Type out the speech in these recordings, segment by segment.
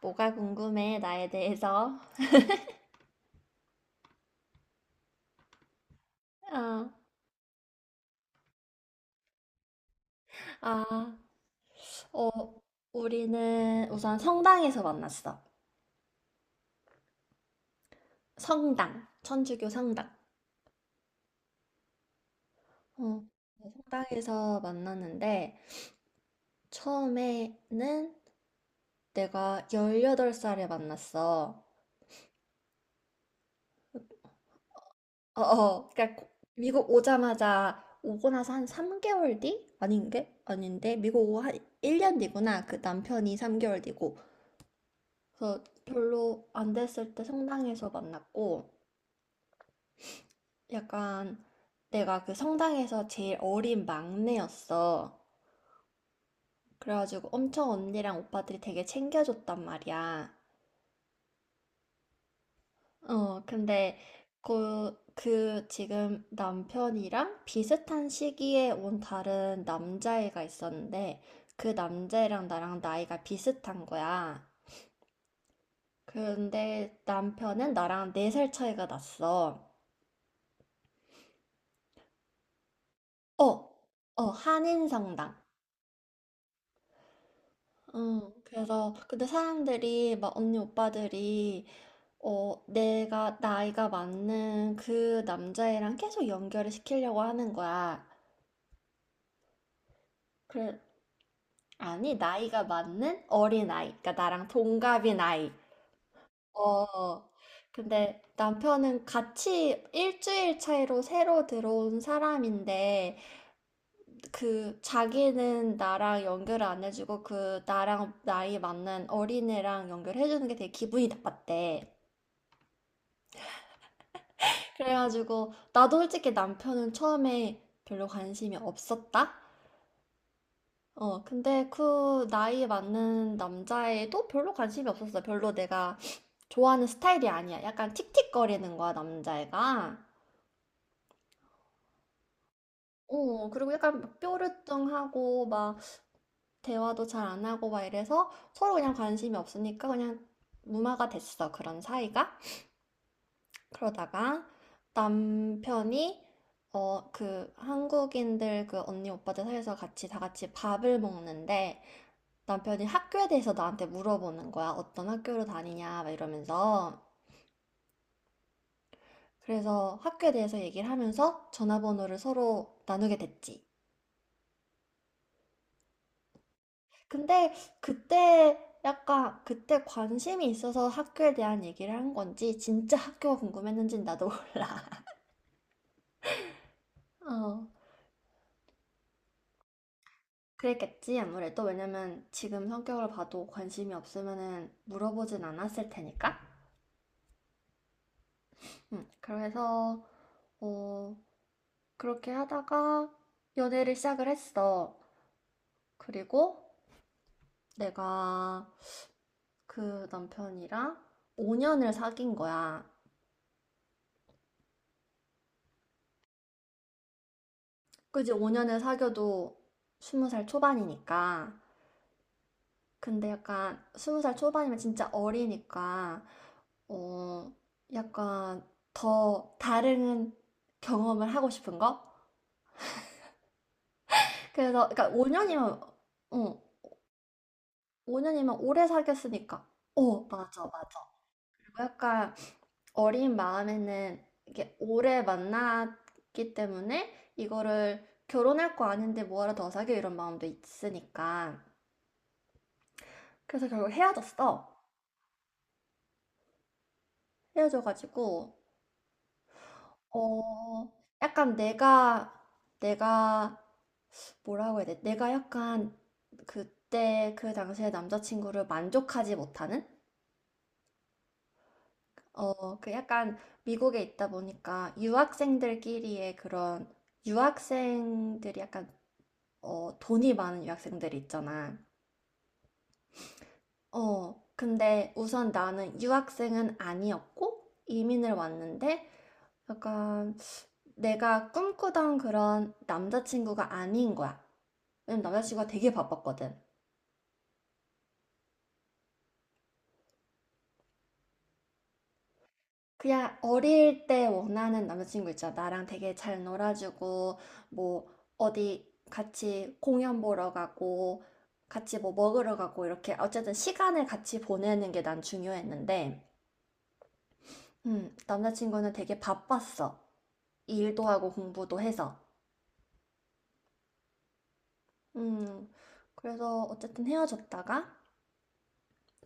뭐가 궁금해, 나에 대해서? 아, 아, 어, 우리는 우선 성당에서 만났어. 성당, 천주교 성당. 어, 네, 성당에서 만났는데, 처음에는 내가 18살에 만났어. 그러니까 미국 오자마자, 오고 나서 한 3개월 뒤? 아닌 게? 아닌데? 미국 오고 한 1년 뒤구나. 그 남편이 3개월 뒤고. 그래서 별로 안 됐을 때 성당에서 만났고, 약간 내가 그 성당에서 제일 어린 막내였어. 그래가지고 엄청 언니랑 오빠들이 되게 챙겨줬단 말이야. 근데 그 지금 남편이랑 비슷한 시기에 온 다른 남자애가 있었는데 그 남자애랑 나랑 나이가 비슷한 거야. 근데 남편은 나랑 4살 차이가 났어. 어, 한인성당. 응, 그래서, 근데 사람들이, 막, 언니, 오빠들이, 나이가 맞는 그 남자애랑 계속 연결을 시키려고 하는 거야. 그래, 아니, 나이가 맞는 어린아이. 그러니까 나랑 동갑인 아이. 어, 근데 남편은 같이 일주일 차이로 새로 들어온 사람인데, 자기는 나랑 연결을 안 해주고, 나랑 나이 맞는 어린애랑 연결해주는 게 되게 기분이 나빴대. 그래가지고 나도 솔직히 남편은 처음에 별로 관심이 없었다. 근데 그 나이에 맞는 남자애도 별로 관심이 없었어. 별로 내가 좋아하는 스타일이 아니야. 약간 틱틱거리는 거야, 남자애가. 어, 그리고 약간 막 뾰루뚱하고 막 대화도 잘 안 하고 막 이래서 서로 그냥 관심이 없으니까 그냥 무마가 됐어. 그런 사이가. 그러다가 남편이 그 한국인들 그 언니 오빠들 사이에서 같이 다 같이 밥을 먹는데 남편이 학교에 대해서 나한테 물어보는 거야. 어떤 학교로 다니냐 막 이러면서. 그래서 학교에 대해서 얘기를 하면서 전화번호를 서로 나누게 됐지. 근데 그때 약간 그때 관심이 있어서 학교에 대한 얘기를 한 건지 진짜 학교가 궁금했는지 나도 몰라. 어. 그랬겠지, 아무래도. 왜냐면 지금 성격을 봐도 관심이 없으면은 물어보진 않았을 테니까. 그래서, 어, 그렇게 하다가 연애를 시작을 했어. 그리고 내가 그 남편이랑 5년을 사귄 거야. 그지, 5년을 사귀어도 20살 초반이니까. 근데 약간 스무 살 초반이면 진짜 어리니까 어 약간 더 다른 경험을 하고 싶은 거? 그래서 그러니까 5년이면 어 5년이면 오래 사귀었으니까 맞아 맞아. 그리고 약간 어린 마음에는 이게 오래 만났기 때문에 이거를 결혼할 거 아닌데 뭐하러 더 사귀어 이런 마음도 있으니까 그래서 결국 헤어졌어. 헤어져가지고 어, 약간 내가, 뭐라고 해야 돼? 내가 약간 그 당시에 남자친구를 만족하지 못하는? 그 약간 미국에 있다 보니까 유학생들끼리의 그런, 유학생들이 약간, 돈이 많은 유학생들이 있잖아. 근데 우선 나는 유학생은 아니었고, 이민을 왔는데, 약간 내가 꿈꾸던 그런 남자친구가 아닌 거야. 왜냐면 남자친구가 되게 바빴거든. 그냥 어릴 때 원하는 남자친구 있잖아. 나랑 되게 잘 놀아주고, 뭐, 어디 같이 공연 보러 가고, 같이 뭐 먹으러 가고, 이렇게. 어쨌든 시간을 같이 보내는 게 난 중요했는데, 남자친구는 되게 바빴어. 일도 하고 공부도 해서. 음, 그래서 어쨌든 헤어졌다가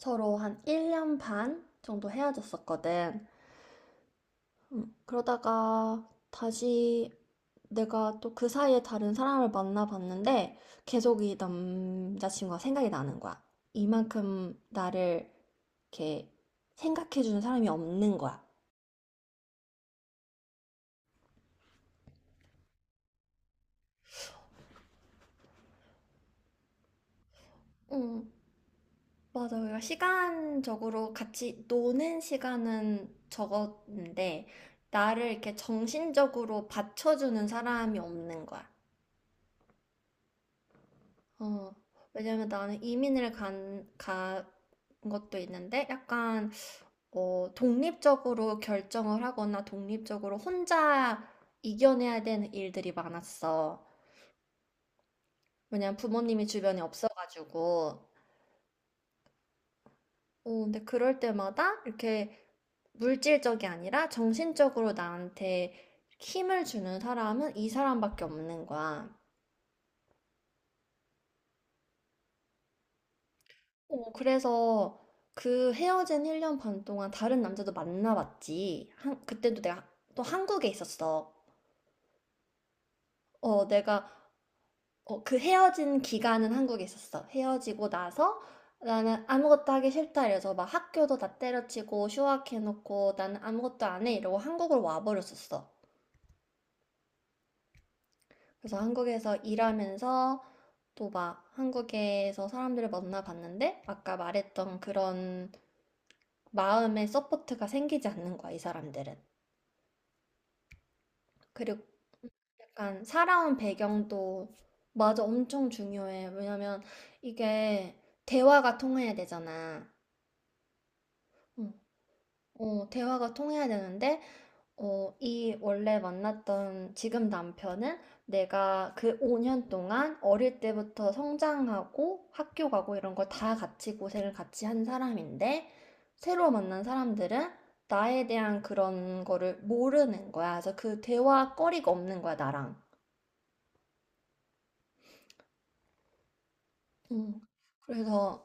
서로 한 1년 반 정도 헤어졌었거든. 그러다가 다시 내가 또 그 사이에 다른 사람을 만나봤는데 계속 이 남자친구가 생각이 나는 거야. 이만큼 나를 이렇게 생각해주는 사람이 없는 거야. 음, 맞아요. 시간적으로 같이 노는 시간은 적었는데, 나를 이렇게 정신적으로 받쳐주는 사람이 없는 거야. 어, 왜냐면 나는 간 것도 있는데, 약간, 독립적으로 결정을 하거나 독립적으로 혼자 이겨내야 되는 일들이 많았어. 왜냐면 부모님이 주변에 없어가지고. 근데 그럴 때마다 이렇게 물질적이 아니라 정신적으로 나한테 힘을 주는 사람은 이 사람밖에 없는 거야. 그래서 그 헤어진 1년 반 동안 다른 남자도 만나봤지. 한, 그때도 내가 또 한국에 있었어. 어, 내가 그 헤어진 기간은 한국에 있었어. 헤어지고 나서 나는 아무것도 하기 싫다 이래서 막 학교도 다 때려치고 휴학해놓고 나는 아무것도 안 해 이러고 한국으로 와버렸었어. 그래서 한국에서 일하면서 또 막 한국에서 사람들을 만나봤는데 아까 말했던 그런 마음의 서포트가 생기지 않는 거야, 이 사람들은. 그리고 약간 살아온 배경도. 맞아, 엄청 중요해. 왜냐면 이게 대화가 통해야 되잖아. 응. 대화가 통해야 되는데 이 원래 만났던 지금 남편은 내가 그 5년 동안 어릴 때부터 성장하고 학교 가고 이런 걸 다 같이 고생을 같이 한 사람인데 새로 만난 사람들은 나에 대한 그런 거를 모르는 거야. 그래서 그 대화거리가 없는 거야, 나랑. 음, 그래서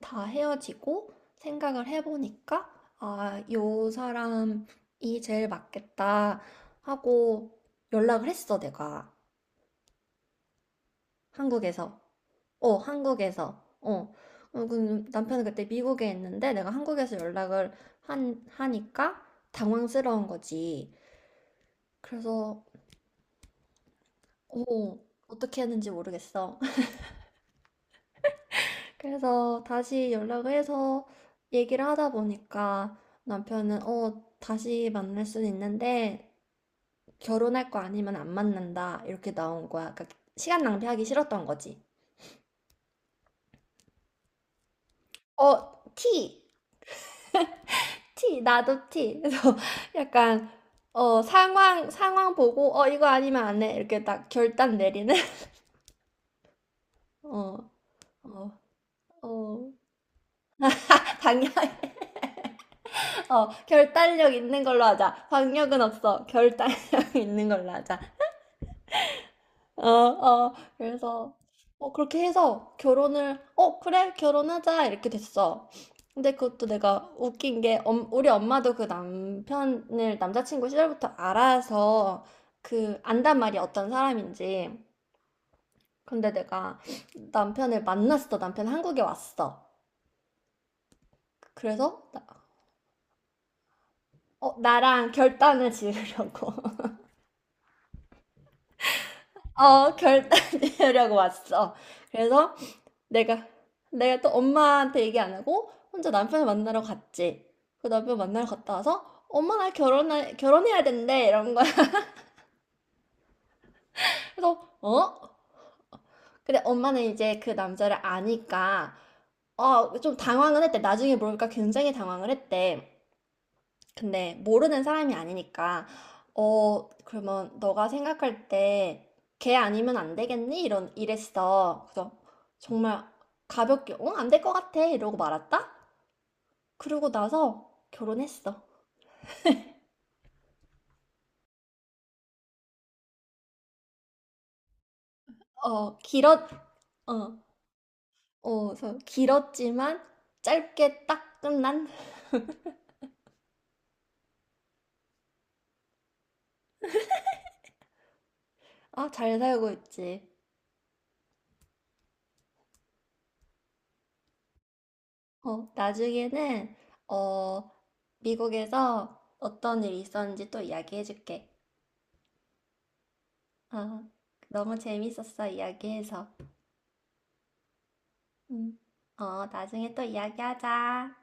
다 헤어지고 생각을 해보니까 아, 요 사람이 제일 맞겠다 하고 연락을 했어, 내가. 한국에서. 어, 한국에서. 어. 그 남편은 그때 미국에 있는데 내가 한국에서 하니까 당황스러운 거지. 그래서, 어, 어떻게 했는지 모르겠어. 그래서 다시 연락을 해서 얘기를 하다 보니까 다시 만날 수는 있는데 결혼할 거 아니면 안 만난다. 이렇게 나온 거야. 그러니까 시간 낭비하기 싫었던 거지. 어, T 나도 티. 그래서 약간, 상황 보고, 어, 이거 아니면 안 해. 이렇게 딱 결단 내리는? 어, 어, 어. 방향, 어, 결단력 있는 걸로 하자. 방력은 없어. 결단력 있는 걸로 하자. 그래서, 그렇게 해서 그래, 결혼하자, 이렇게 됐어. 근데 그것도 내가 웃긴 게, 우리 엄마도 그 남편을 남자친구 시절부터 알아서 안단 말이 어떤 사람인지. 근데 내가 남편을 만났어. 남편 한국에 왔어. 그래서, 나랑 결단을 지으려고. 어, 결단을 지으려고 왔어. 그래서, 내가 내가 또 엄마한테 얘기 안 하고 혼자 남편을 만나러 갔지. 그 남편 만나러 갔다 와서 엄마 나 결혼할 결혼해야 된대 이런 거야. 그래서 어? 근데 엄마는 이제 그 남자를 아니까 좀 당황은 했대. 나중에 물어보니까 굉장히 당황을 했대. 근데 모르는 사람이 아니니까 그러면 너가 생각할 때 걔 아니면 안 되겠니? 이런 이랬어. 그래서 정말 가볍게 안 될 것 같아 이러고 말았다. 그러고 나서 결혼했어. 어, 길었, 어, 어, 저 길었지만 짧게 딱 끝난? 아, 잘 살고 있지. 나중에는, 어, 미국에서 어떤 일이 있었는지 또 이야기해줄게. 어, 너무 재밌었어, 이야기해서. 음, 나중에 또 이야기하자.